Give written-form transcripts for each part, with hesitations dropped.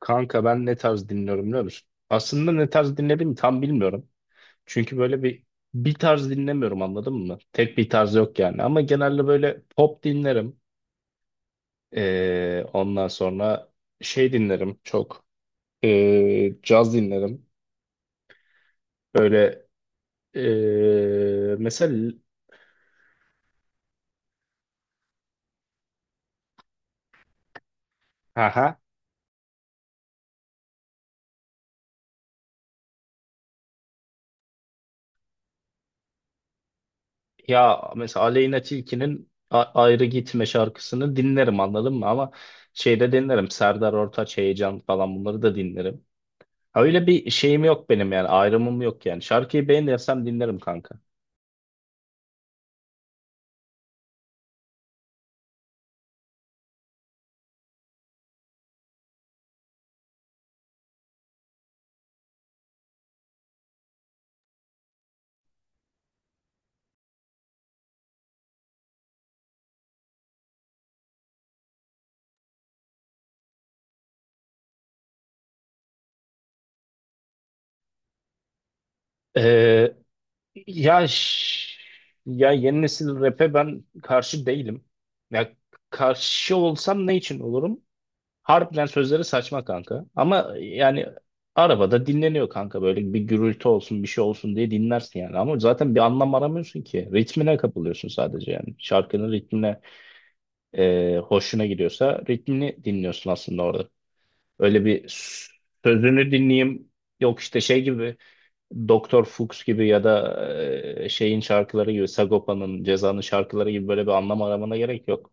Kanka ben ne tarz dinliyorum biliyor musun? Aslında ne tarz dinlediğimi tam bilmiyorum. Çünkü böyle bir tarz dinlemiyorum anladın mı? Tek bir tarz yok yani. Ama genelde böyle pop dinlerim. Ondan sonra şey dinlerim çok. Caz dinlerim. Böyle mesela haha, ya mesela Aleyna Tilki'nin Ayrı Gitme şarkısını dinlerim anladın mı? Ama şeyde dinlerim. Serdar Ortaç, Heyecan falan bunları da dinlerim. Öyle bir şeyim yok benim yani ayrımım yok yani. Şarkıyı beğenirsem dinlerim kanka. Ee, ya ş- Ya yeni nesil rap'e ben karşı değilim. Ya karşı olsam ne için olurum? Harbiden sözleri saçma kanka. Ama yani arabada dinleniyor kanka böyle bir gürültü olsun bir şey olsun diye dinlersin yani. Ama zaten bir anlam aramıyorsun ki. Ritmine kapılıyorsun sadece yani. Şarkının ritmine hoşuna gidiyorsa ritmini dinliyorsun aslında orada. Öyle bir sözünü dinleyeyim. Yok işte şey gibi Doktor Fuchs gibi ya da şeyin şarkıları gibi Sagopa'nın Ceza'nın şarkıları gibi böyle bir anlam aramana gerek yok.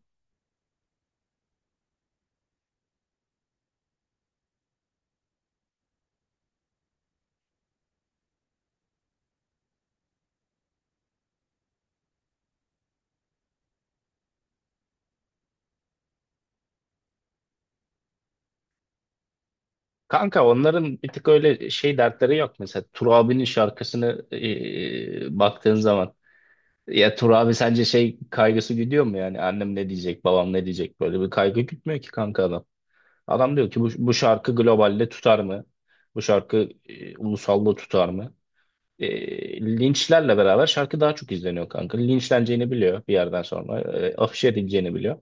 Kanka onların bir tık öyle şey dertleri yok. Mesela Turabi'nin şarkısını baktığın zaman ya Turabi sence şey kaygısı gidiyor mu yani annem ne diyecek babam ne diyecek böyle bir kaygı gütmüyor ki kanka adam. Adam diyor ki bu şarkı globalde tutar mı? Bu şarkı ulusalda tutar mı? Linçlerle beraber şarkı daha çok izleniyor kanka. Linçleneceğini biliyor bir yerden sonra. Afişe edileceğini biliyor.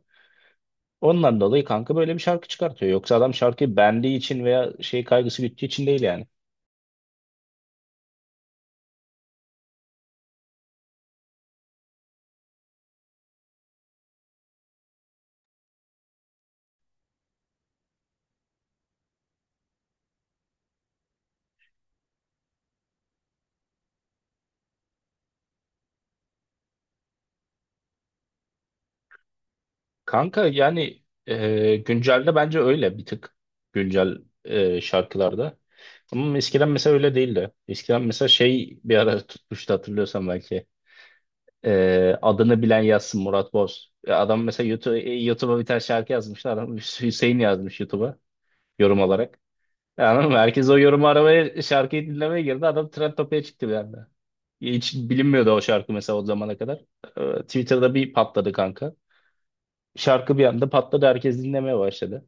Ondan dolayı kanka böyle bir şarkı çıkartıyor. Yoksa adam şarkıyı beğendiği için veya şey kaygısı bittiği için değil yani. Kanka yani güncelde bence öyle bir tık güncel şarkılarda. Ama eskiden mesela öyle değildi. Eskiden mesela şey bir ara tutmuştu hatırlıyorsan belki. Adını bilen yazsın Murat Boz. Ya adam mesela YouTube'a bir tane şarkı yazmışlar adam Hüseyin yazmış YouTube'a, yorum olarak. Yani herkes o yorumu aramaya, şarkıyı dinlemeye girdi. Adam trend topiğe çıktı bir anda. Hiç bilinmiyordu o şarkı mesela o zamana kadar. Twitter'da bir patladı kanka. Şarkı bir anda patladı. Herkes dinlemeye başladı.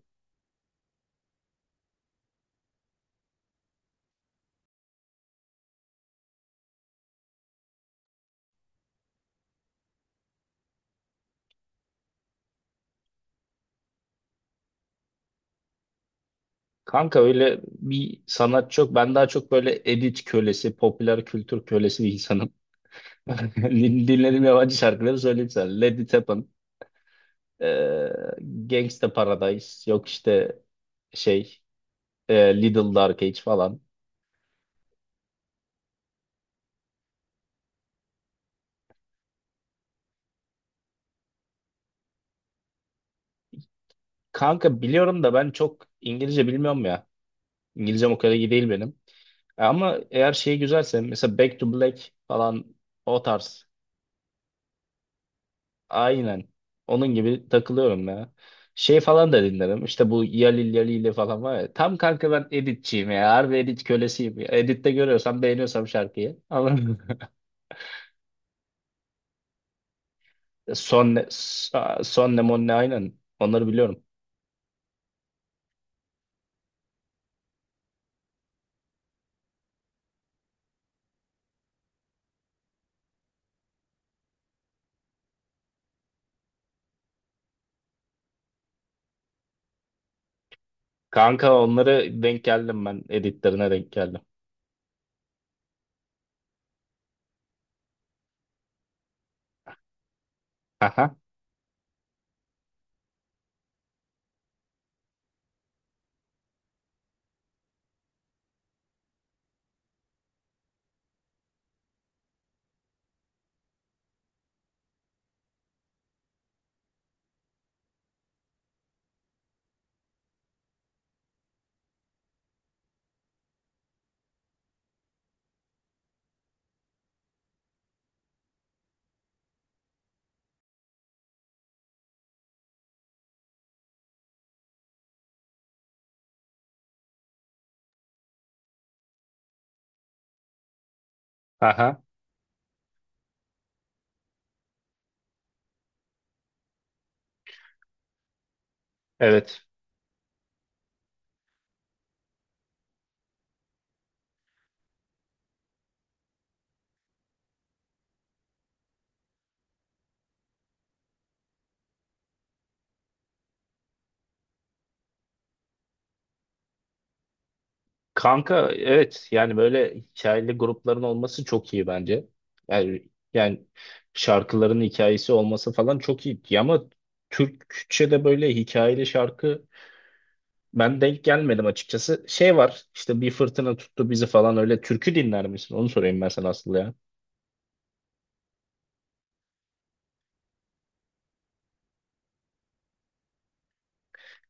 Kanka öyle bir sanatçı yok. Ben daha çok böyle edit kölesi, popüler kültür kölesi bir insanım. Dinlediğim yabancı şarkıları söyleyeyim sana. Let It Happen, ee, Gangsta Paradise, yok işte şey, Little Dark Age falan. Kanka biliyorum da ben çok İngilizce bilmiyorum ya. İngilizcem o kadar iyi değil benim. Ama eğer şey güzelse mesela Back to Black falan, o tarz. Aynen. Onun gibi takılıyorum ya. Şey falan da dinlerim. İşte bu Yalil Yalil'i falan var ya. Tam kanka ben editçiyim ya. Harbi edit kölesiyim ya. Editte görüyorsam beğeniyorsam şarkıyı. Anladın mı? Son ne, son ne mon ne, aynen. Onları biliyorum. Kanka onları denk geldim ben. Editlerine denk geldim. Aha. Aha. Evet. Kanka evet yani böyle hikayeli grupların olması çok iyi bence. Yani, yani şarkıların hikayesi olması falan çok iyi ama Türkçe'de böyle hikayeli şarkı ben denk gelmedim açıkçası. Şey var işte bir fırtına tuttu bizi falan, öyle türkü dinler misin? Onu sorayım ben sana asıl ya.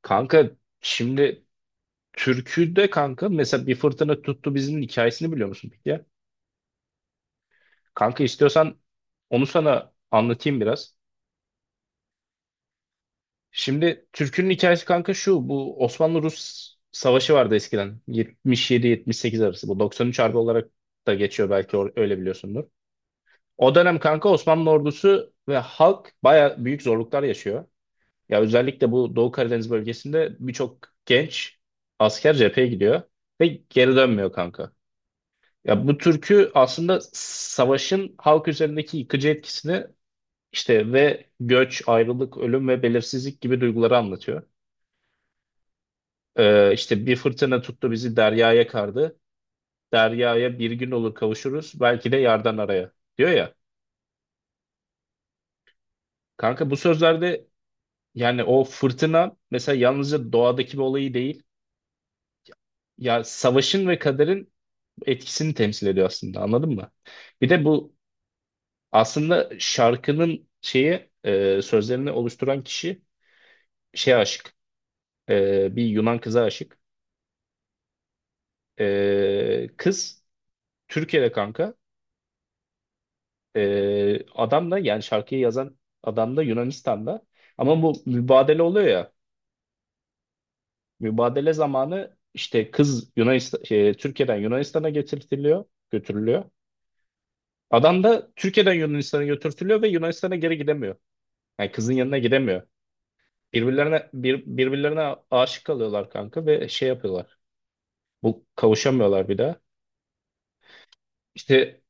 Kanka şimdi türküde kanka mesela bir fırtına tuttu bizinin hikayesini biliyor musun peki ya? Kanka istiyorsan onu sana anlatayım biraz. Şimdi türkünün hikayesi kanka şu: bu Osmanlı-Rus savaşı vardı eskiden. 77-78 arası. Bu 93 harbi olarak da geçiyor, belki öyle biliyorsundur. O dönem kanka Osmanlı ordusu ve halk baya büyük zorluklar yaşıyor. Ya özellikle bu Doğu Karadeniz bölgesinde birçok genç asker cepheye gidiyor ve geri dönmüyor kanka. Ya bu türkü aslında savaşın halk üzerindeki yıkıcı etkisini işte ve göç, ayrılık, ölüm ve belirsizlik gibi duyguları anlatıyor. İşte bir fırtına tuttu bizi deryaya kardı. Deryaya bir gün olur kavuşuruz. Belki de yardan araya diyor ya. Kanka bu sözlerde yani o fırtına mesela yalnızca doğadaki bir olayı değil. Ya savaşın ve kaderin etkisini temsil ediyor aslında, anladın mı? Bir de bu aslında şarkının şeyi sözlerini oluşturan kişi şeye aşık. Bir Yunan kıza aşık. Kız Türkiye'de kanka. Adam da yani şarkıyı yazan adam da Yunanistan'da. Ama bu mübadele oluyor ya. Mübadele zamanı işte kız Yunanistan, Türkiye'den Yunanistan'a getirtiliyor, götürülüyor. Adam da Türkiye'den Yunanistan'a götürtülüyor ve Yunanistan'a geri gidemiyor. Yani kızın yanına gidemiyor. Birbirlerine aşık kalıyorlar kanka ve şey yapıyorlar. Bu kavuşamıyorlar bir daha. İşte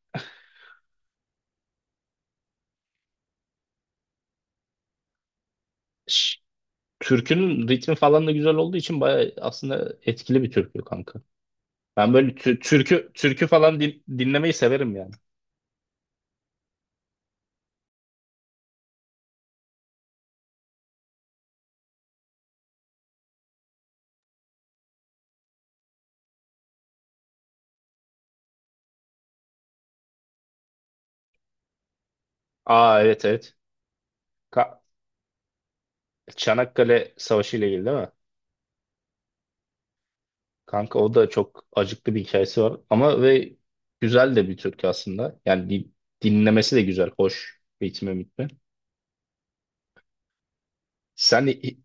ş- türkünün ritmi falan da güzel olduğu için bayağı aslında etkili bir türkü kanka. Ben böyle türkü türkü falan dinlemeyi severim yani. Aa, evet evet. Ka- Çanakkale Savaşı ile ilgili değil mi? Kanka o da çok acıklı bir hikayesi var ama, ve güzel de bir türkü aslında. Yani dinlemesi de güzel, hoş, ritmi mitmi. Sen hi-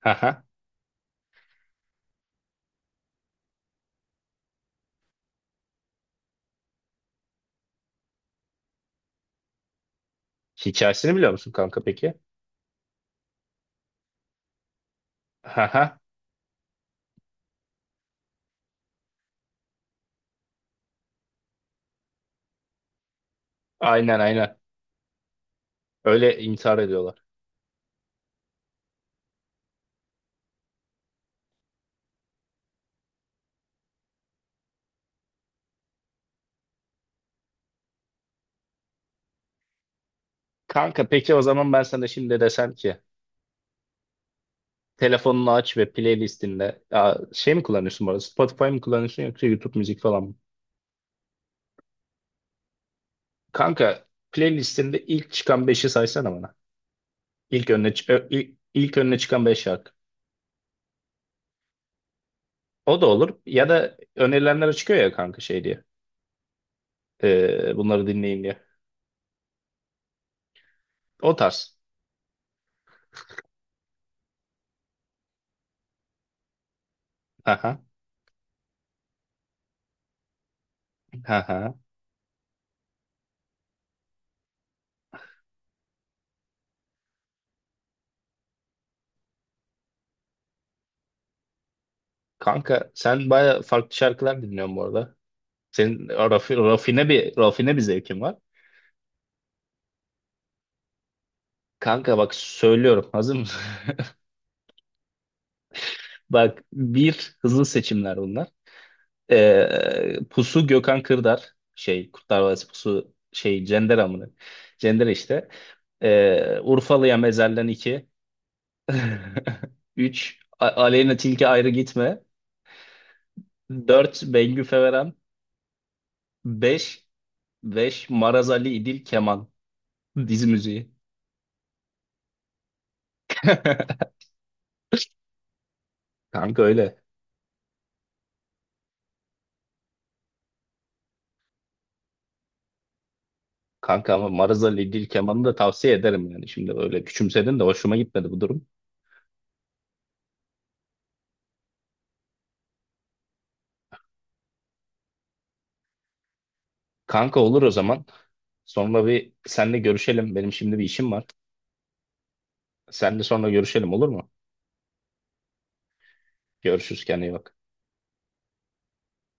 haha hikayesini biliyor musun kanka peki? Haha aynen aynen. Öyle intihar ediyorlar. Kanka peki o zaman ben sana şimdi desem ki telefonunu aç ve playlistinde, şey mi kullanıyorsun bu arada? Spotify mı kullanıyorsun yoksa YouTube müzik falan mı? Kanka playlistinde ilk çıkan 5'i saysana bana. İlk önüne, çı- ö- ilk, ilk önüne çıkan 5 şarkı. O da olur. Ya da önerilenler çıkıyor ya kanka, şey diye. Bunları dinleyin diye. O tarz. Aha, aha. Kanka sen baya farklı şarkılar dinliyorsun bu arada. Senin rafine bir zevkin var. Kanka bak söylüyorum, hazır mısın? Bak, bir hızlı seçimler bunlar. Pusu, Gökhan Kırdar, şey Kurtlar Vadisi Pusu, şey Cender amına. Cender işte. Urfalı'ya Mezel'den, 2. 3. Aleyna Tilki, Ayrı Gitme. Dört, Bengü, Feverem. beş beş Maraz Ali, İdil Keman. Dizi müziği. Kanka öyle. Kanka ama Maraz Ali İdil Keman'ı da tavsiye ederim yani. Şimdi öyle küçümsedin de hoşuma gitmedi bu durum. Kanka olur o zaman. Sonra bir senle görüşelim. Benim şimdi bir işim var. Senle sonra görüşelim olur mu? Görüşürüz, kendine iyi bak.